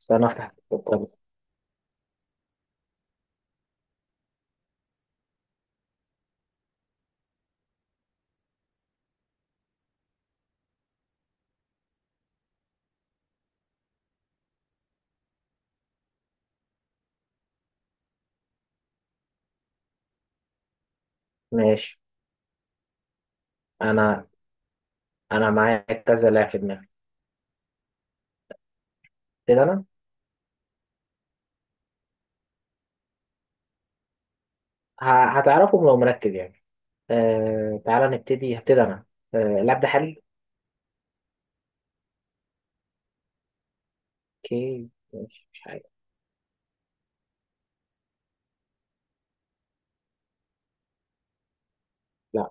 استنى افتح الكتاب. ماشي. انا انا معايا كذا لاعب في دماغي. ابتدي انا. هتعرفهم لو مركز يعني. أه، تعالى نبتدي، هبتدي انا. أه، اللاعب ده حالي. اوكي ماشي، مش حاجة. لا.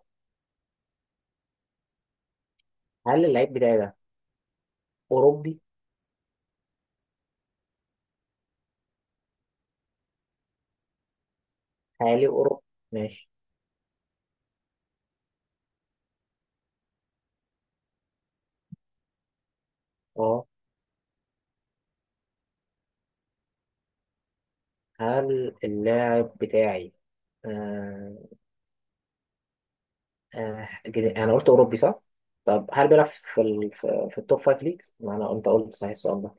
هل اللعيب بتاعي ده اوروبي؟ حالي اوروبي، ماشي. اه. هل اللاعب بتاعي آه آه انا قلت اوروبي صح؟ طب هل بيلعب في في التوب فايف ليجز؟ ما انا انت قلت صحيح السؤال ده.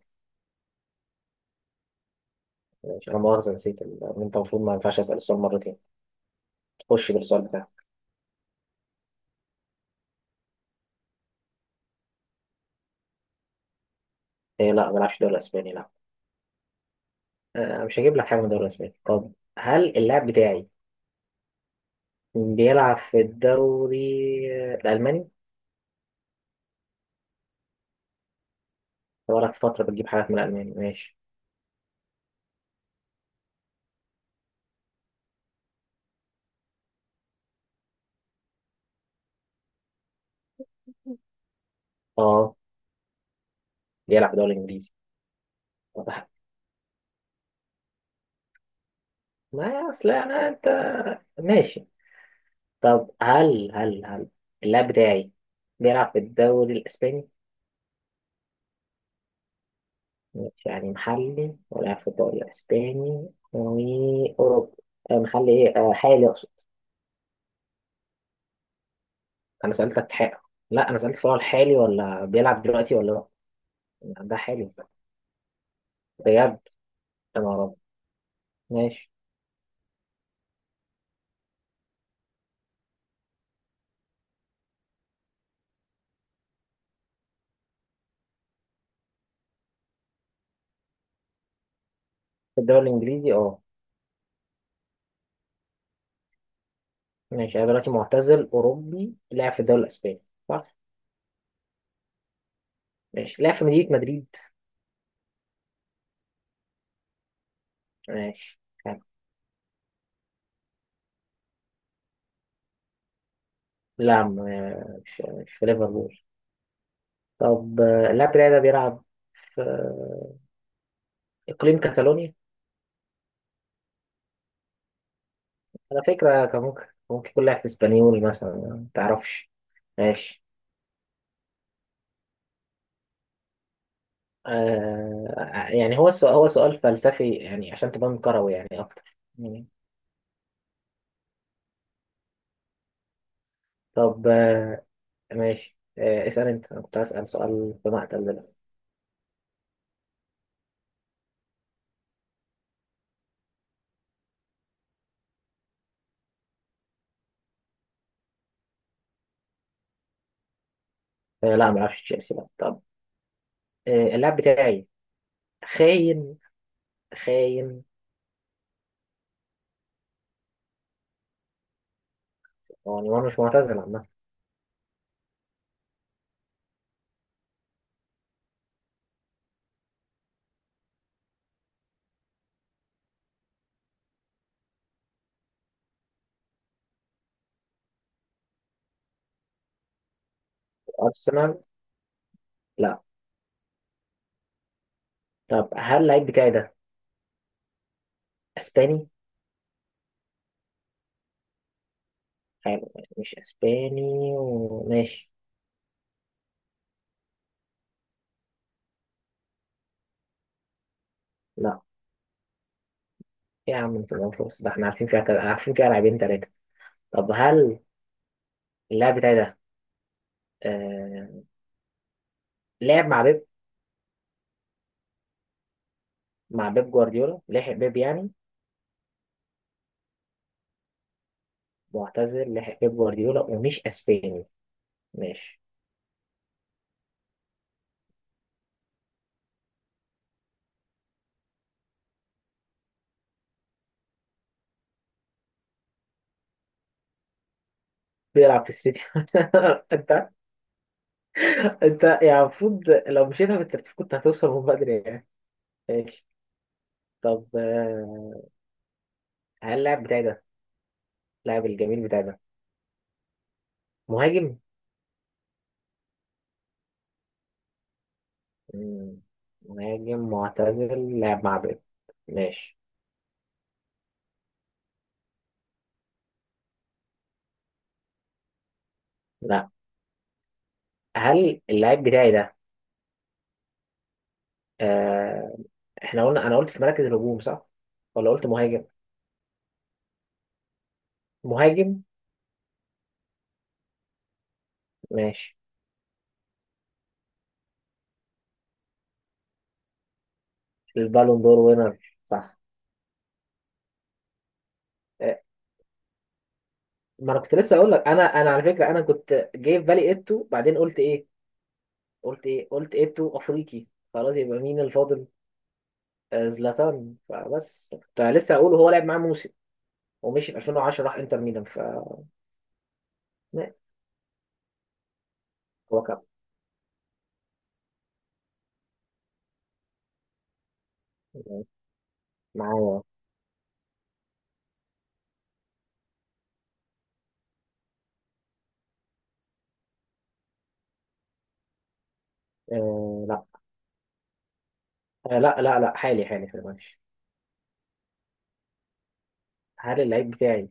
ماشي، انا مؤاخذه نسيت انت المفروض ما ينفعش اسال السؤال مرتين. تخش بالسؤال بتاعك. إيه، لا، ما بلعبش دوري اسباني لا. مش هجيب لك حاجه من الدوري الاسباني. طب هل اللاعب بتاعي بيلعب في الدوري الالماني؟ بقالك فتره بتجيب حاجات من الالماني، ماشي. اه، بيلعب في الدوري الانجليزي. طب ما اصل انا انت، ماشي. طب هل اللاعب بتاعي بيلعب في الدوري الاسباني؟ ماشي، يعني محلي ولاعب في الدوري الاسباني واوروبا. محلي ايه، حالي اقصد. انا سالتك حق. لا، انا سالت فؤاد حالي ولا بيلعب دلوقتي ولا لا. ده حالي بجد. انا رب. ماشي. في الدوري الانجليزي اه. ماشي، انا دلوقتي معتزل اوروبي لعب في الدوري الاسباني، صح. ماشي، لعب في مدينه مدريد. ماشي. حلو. لا، مش في ليفربول. طب اللاعب بتاعي ده بيلعب في اقليم كاتالونيا. على فكره كان ممكن، ممكن يكون لاعب في اسبانيول مثلا، ما تعرفش. ماشي. آه يعني هو السؤال، هو سؤال فلسفي يعني عشان تبان كروي يعني أكتر. طب آه ماشي. آه اسأل أنت، أنا كنت هسأل سؤال في مقتل ده. آه لا، ما أعرفش تشيلسي لا. طب آه اللاعب بتاعي خاين، خاين. يعني وأنا مش معتزل عامة. أرسنال، لا. طب هل اللعيب بتاعي ده أسباني؟ حلو، مش أسباني. وماشي. لا. يا عم أنت ما فوز. ده إحنا عارفين فيها، عارفين فيها لاعبين تلاتة. طب هل اللاعب بتاعي ده آه لعب مع بيب؟ مع بيب جوارديولا، لحق بيب يعني. معتزل لحق بيب جوارديولا ومش اسباني. ماشي. بيلعب في السيتي. انت انت يعني المفروض لو مشيتها بالترتيب كنت هتوصل من بدري يعني. ماشي. طب هل اللاعب بتاعي ده، اللاعب الجميل بتاعي ده، مهاجم. مم، مهاجم معتزل لاعب مع بيب. ماشي. لا. هل اللاعب بتاعي ده آه احنا قلنا، انا قلت في مراكز الهجوم صح ولا قلت مهاجم؟ مهاجم. ماشي. البالون دور وينر، صح. آه، ما انا كنت لسه اقول لك، انا على فكره انا كنت جاي في بالي ايتو، بعدين قلت ايه، قلت ايه، قلت ايتو افريقي، خلاص يبقى مين الفاضل؟ آه، زلاتان، فبس كنت لسه اقول هو لعب معاه موسم ومشي في 2010 راح انتر ميلان ف لا. هو كان معايا. آه لا. آه لا، لا، لا، حالي، حالي في الماتش. هل اللعيب بتاعي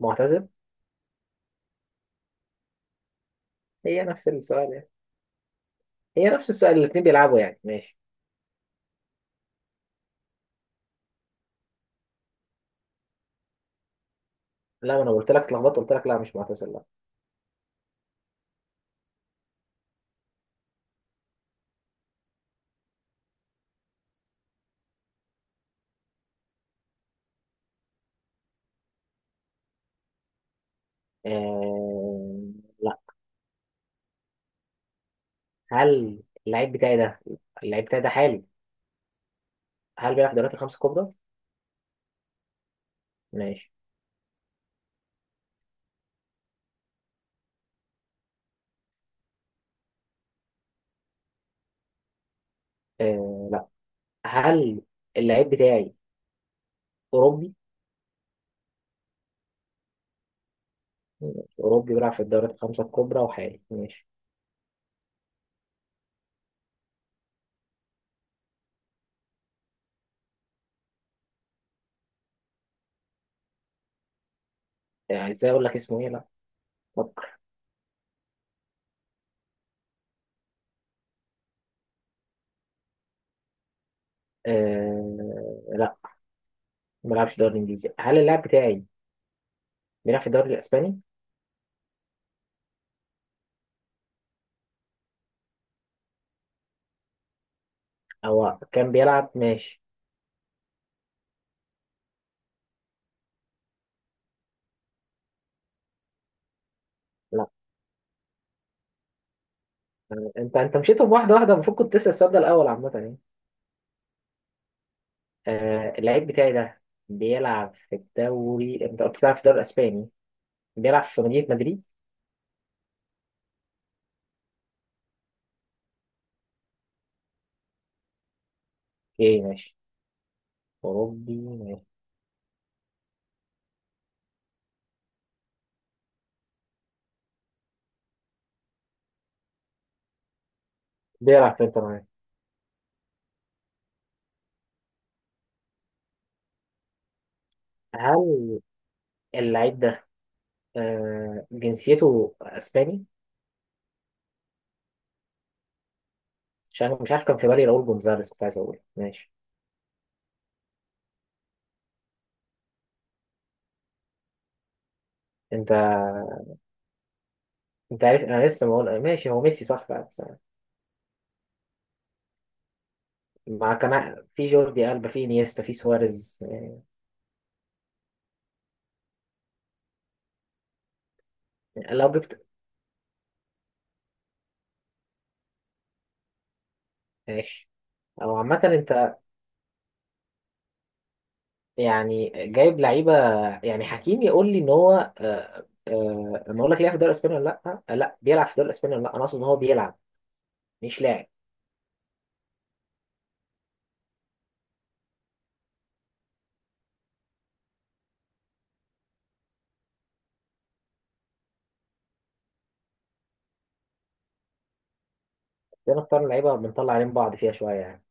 معتزل؟ هي نفس السؤال يعني، هي نفس السؤال، الاثنين بيلعبوا يعني، ماشي. لا، ما انا قلت لك اتلخبطت، قلت لك لا، مش معتزل لا. آه. هل اللعيب بتاعي ده، اللعيب بتاعي ده حالي، هل بيلعب في الدوريات الخمس الكبرى؟ ماشي. آه لا. هل اللعيب بتاعي أوروبي؟ ماشي. أوروبي بيلعب في الدوريات الخمسة الكبرى وحالي، ماشي. يعني ازاي أقول لك اسمه إيه؟ لا، فكر. آه لا، ما بيلعبش في الدوري الإنجليزي. هل اللاعب بتاعي بيلعب في الدوري الإسباني؟ أو كان بيلعب، ماشي. لا. أنت أنت مشيتهم واحدة واحدة، المفروض كنت تسأل السؤال ده الأول عامة يعني. آه اللعيب بتاعي ده بيلعب في الدوري، أنت قلت بيلعب في الدوري الإسباني، بيلعب في مدينة مدريد. اوكي ماشي. اوروبي. ماشي، بيلعب في انتر ميامي. هل اللعيب ده آه جنسيته اسباني؟ عشان أنا مش عارف، كان في بالي راؤول جونزاليس، كنت عايز اقول. ماشي. انت انت عارف انا لسه بقول ماشي هو ميسي صح بقى بس. مع كمان في جوردي ألبا، في نيستا، في سواريز آه. لو جبت. ماشي. او عامة انت، يعني جايب لعيبة، يعني حكيم يقول لي ان هو آه، لما اقول لك لعب في الدوري الاسباني ولا لا، لا بيلعب في الدوري الاسباني ولا لا، انا اقصد ان هو بيلعب مش لاعب. بنختار لعيبة بنطلع عين بعض فيها شوية يعني.